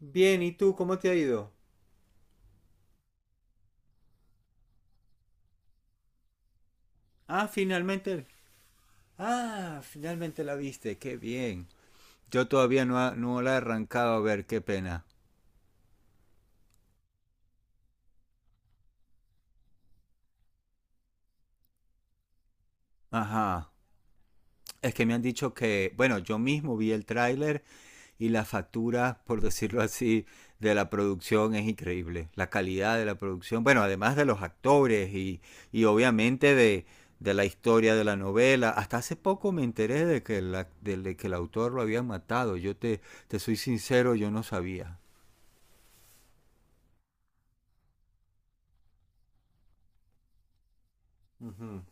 Bien, ¿y tú cómo te ha ido? Ah, finalmente. Ah, finalmente la viste, qué bien. Yo todavía no, no la he arrancado a ver, qué pena. Ajá. Es que me han dicho que, bueno, yo mismo vi el tráiler y la factura, por decirlo así, de la producción es increíble. La calidad de la producción, bueno, además de los actores y obviamente de la historia de la novela. Hasta hace poco me enteré de que el autor lo habían matado. Te soy sincero, yo no sabía. Ujú.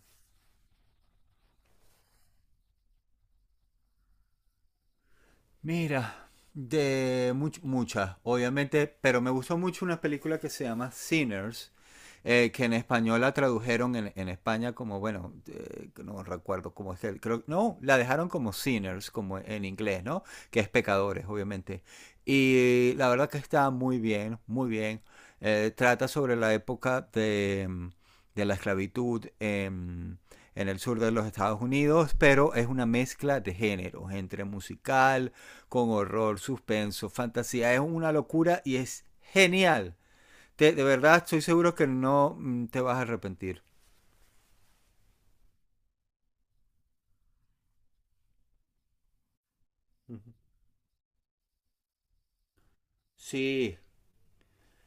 Mira, de muchas, obviamente, pero me gustó mucho una película que se llama Sinners, que en español la tradujeron en España como, bueno, no recuerdo cómo es que, creo, no, la dejaron como Sinners, como en inglés, ¿no? Que es pecadores, obviamente. Y la verdad que está muy bien, muy bien. Trata sobre la época de, de la esclavitud en el sur de los Estados Unidos, pero es una mezcla de géneros, entre musical, con horror, suspenso, fantasía. Es una locura y es genial. De verdad, estoy seguro que no te vas a arrepentir. Sí,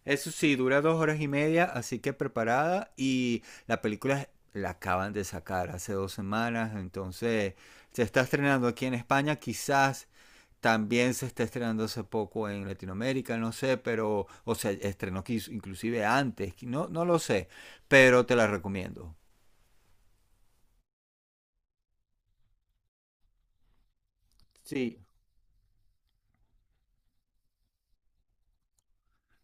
eso sí, dura dos horas y media, así que preparada. Y la película la acaban de sacar hace dos semanas, entonces se está estrenando aquí en España, quizás también se está estrenando hace poco en Latinoamérica, no sé, pero, o sea, estrenó inclusive antes, no, no lo sé, pero te la recomiendo. Sí,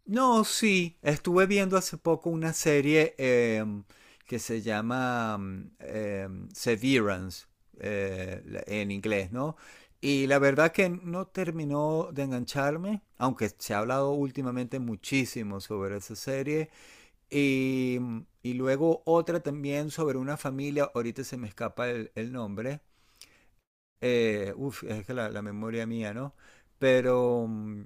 no, sí, estuve viendo hace poco una serie que se llama Severance, en inglés, ¿no? Y la verdad que no terminó de engancharme, aunque se ha hablado últimamente muchísimo sobre esa serie. Y luego otra también sobre una familia, ahorita se me escapa el nombre. Es que la memoria mía, ¿no? Pero mm,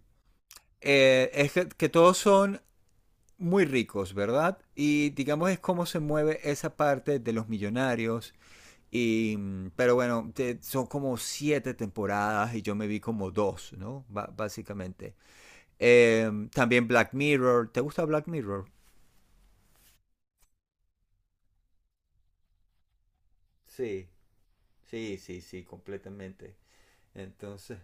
es que todos son muy ricos, ¿verdad? Y digamos es cómo se mueve esa parte de los millonarios. Y, pero bueno, son como siete temporadas y yo me vi como dos, ¿no? Básicamente. También Black Mirror. ¿Te gusta Black Mirror? Sí, sí, sí, sí, completamente. Entonces,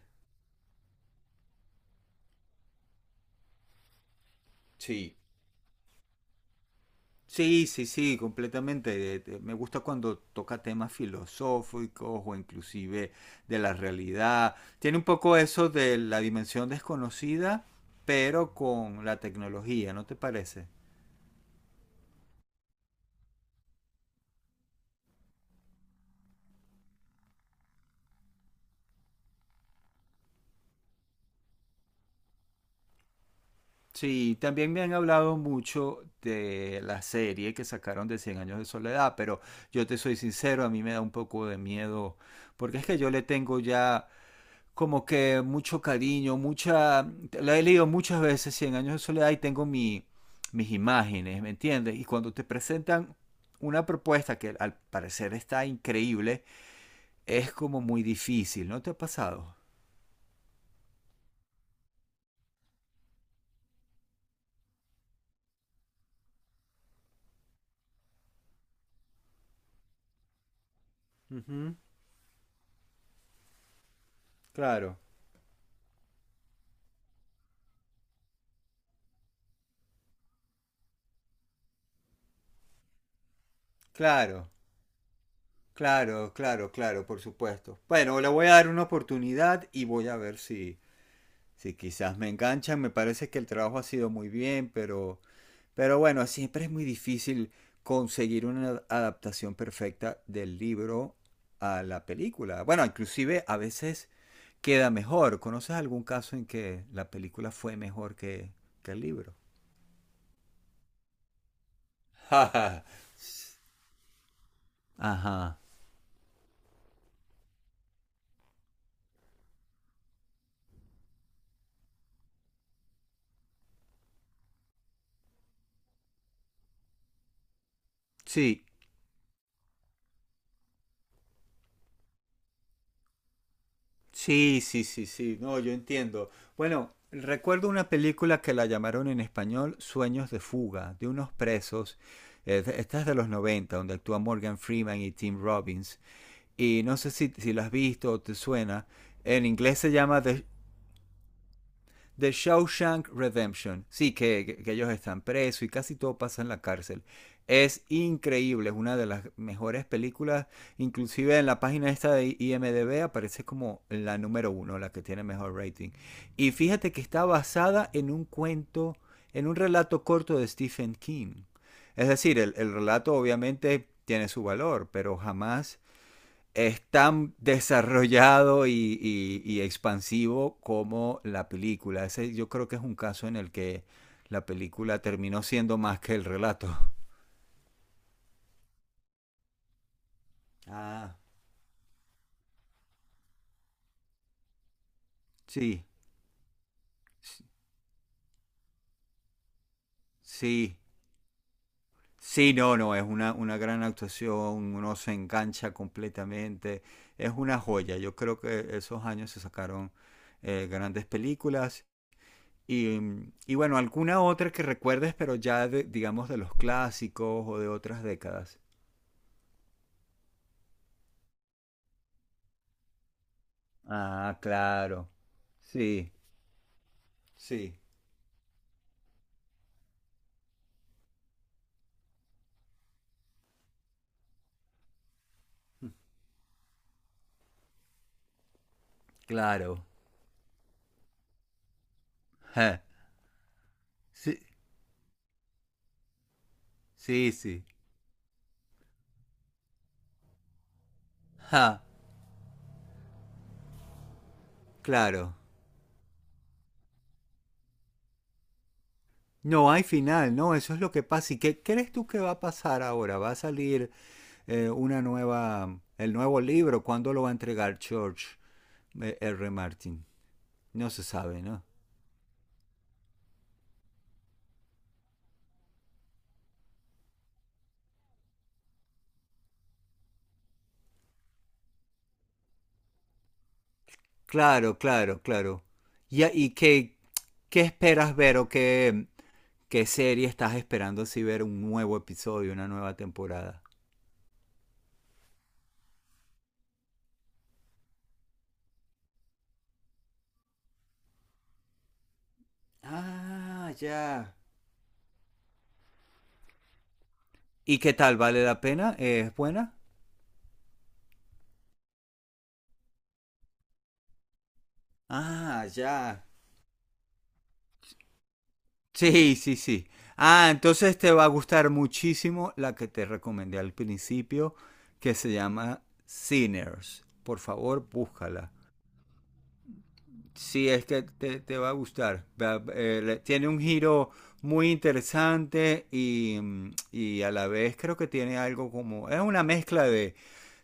sí. Sí, sí, sí, completamente. Me gusta cuando toca temas filosóficos o inclusive de la realidad. Tiene un poco eso de la dimensión desconocida, pero con la tecnología, ¿no te parece? Sí, también me han hablado mucho de la serie que sacaron de Cien años de soledad, pero yo te soy sincero, a mí me da un poco de miedo, porque es que yo le tengo ya como que mucho cariño, mucha... La he leído muchas veces, Cien años de soledad, y tengo mis imágenes, ¿me entiendes? Y cuando te presentan una propuesta que al parecer está increíble, es como muy difícil, ¿no te ha pasado? Ujú, claro, claro, claro, claro, claro, por supuesto. Bueno, le voy a dar una oportunidad y voy a ver si, si quizás me enganchan. Me parece que el trabajo ha sido muy bien, pero bueno, siempre es muy difícil conseguir una adaptación perfecta del libro a la película. Bueno, inclusive a veces queda mejor. ¿Conoces algún caso en que la película fue mejor que el libro? Ajá. Sí, sí, sí, sí, sí. No, yo entiendo. Bueno, recuerdo una película que la llamaron en español Sueños de fuga, de unos presos. Esta es de los 90 donde actúa Morgan Freeman y Tim Robbins. Y no sé si, si lo has visto o te suena. En inglés se llama The Shawshank Redemption. Sí, que ellos están presos y casi todo pasa en la cárcel. Es increíble, es una de las mejores películas. Inclusive en la página esta de IMDB aparece como la número uno, la que tiene mejor rating. Y fíjate que está basada en un cuento, en un relato corto de Stephen King. Es decir, el relato obviamente tiene su valor, pero jamás es tan desarrollado y expansivo como la película. Ese yo creo que es un caso en el que la película terminó siendo más que el relato. Ah, sí, sí, sí, no, no, es una gran actuación, uno se engancha completamente, es una joya. Yo creo que esos años se sacaron grandes películas. Y, y bueno, alguna otra que recuerdes, pero ya digamos de los clásicos o de otras décadas. Ah, claro. Sí, sí, claro. Ja. Sí, sí, sí. Ja, claro. No hay final, no, eso es lo que pasa. ¿Y qué crees tú que va a pasar ahora? ¿Va a salir una nueva, el nuevo libro? ¿Cuándo lo va a entregar George R. Martin? No se sabe, ¿no? Claro, claro, claro. ¿Y qué esperas ver o qué, qué serie estás esperando si ver un nuevo episodio, una nueva temporada? Ah, ya. ¿Y qué tal? ¿Vale la pena? ¿Es buena? Ah, ya. Sí, sí, sí. Ah, entonces te va a gustar muchísimo la que te recomendé al principio, que se llama Sinners. Por favor, búscala. Sí, es que te va a gustar. Tiene un giro muy interesante y, y a la vez creo que tiene algo como... Es una mezcla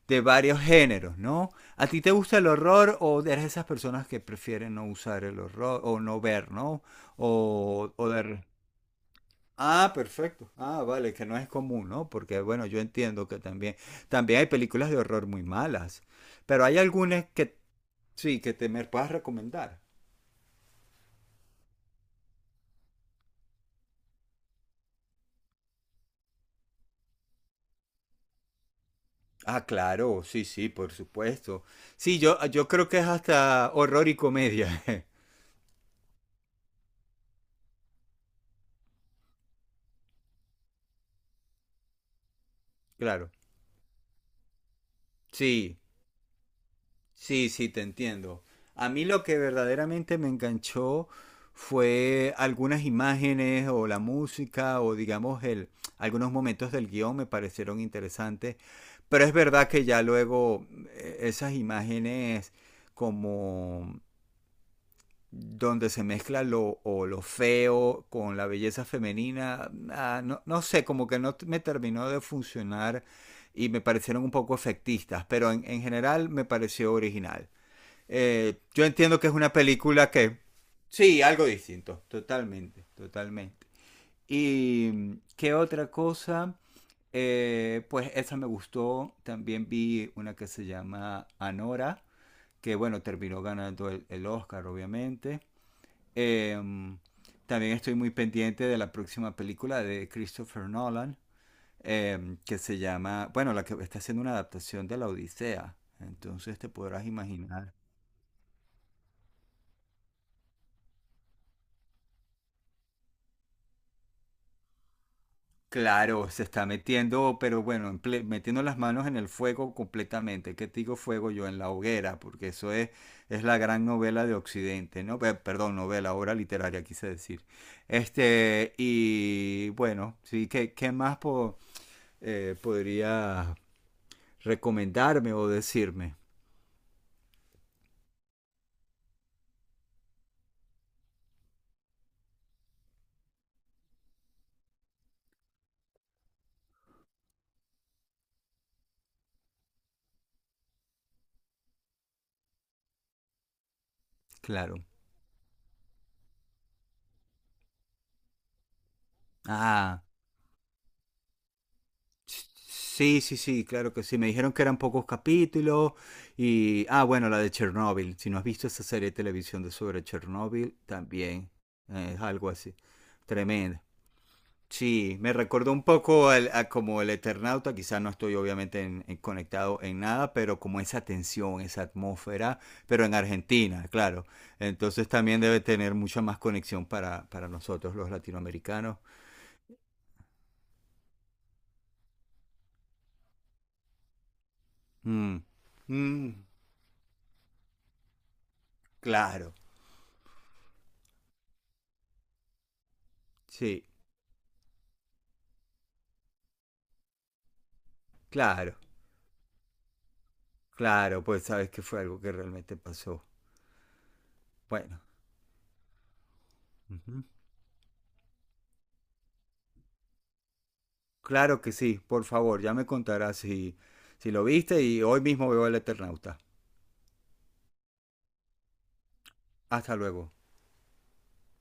de varios géneros, ¿no? ¿A ti te gusta el horror o eres de esas personas que prefieren no usar el horror o no ver, ¿no? O de... Ah, perfecto. Ah, vale, que no es común, ¿no? Porque bueno, yo entiendo que también, también hay películas de horror muy malas, pero hay algunas que sí, que te me puedas recomendar. Ah, claro, sí, sí, por supuesto. Sí, yo creo que es hasta horror y comedia. Claro, sí. Sí, sí, te entiendo. A mí lo que verdaderamente me enganchó fue algunas imágenes o la música o digamos algunos momentos del guión me parecieron interesantes, pero es verdad que ya luego esas imágenes como donde se mezcla lo, o lo feo con la belleza femenina, ah, no, no sé, como que no t- me terminó de funcionar y me parecieron un poco efectistas, pero en general me pareció original yo entiendo que es una película que... Sí, algo distinto, totalmente, totalmente. ¿Y qué otra cosa? Pues esa me gustó. También vi una que se llama Anora, que bueno, terminó ganando el Oscar, obviamente. Eh, También estoy muy pendiente de la próxima película de Christopher Nolan, que se llama, bueno, la que está haciendo una adaptación de La Odisea. Entonces te podrás imaginar claro, se está metiendo, pero bueno, en metiendo las manos en el fuego completamente. ¿Qué te digo fuego yo? En la hoguera, porque eso es la gran novela de Occidente, ¿no? Perdón, novela, obra literaria, quise decir. Este, y bueno, sí, ¿qué más podría recomendarme o decirme? Claro. Ah. Sí, sí, sí, claro que sí. Me dijeron que eran pocos capítulos y... Ah, bueno, la de Chernobyl. Si no has visto esa serie de televisión de sobre Chernobyl, también es algo así. Tremendo. Sí, me recordó un poco a como el Eternauta. Quizás no estoy obviamente en conectado en nada, pero como esa tensión, esa atmósfera, pero en Argentina, claro. Entonces también debe tener mucha más conexión para nosotros los latinoamericanos. Mm, mm, claro, sí. Claro, claro, pues sabes que fue algo que realmente pasó. Bueno, ujú, claro que sí, por favor, ya me contarás si, si lo viste y hoy mismo veo el Eternauta. Hasta luego.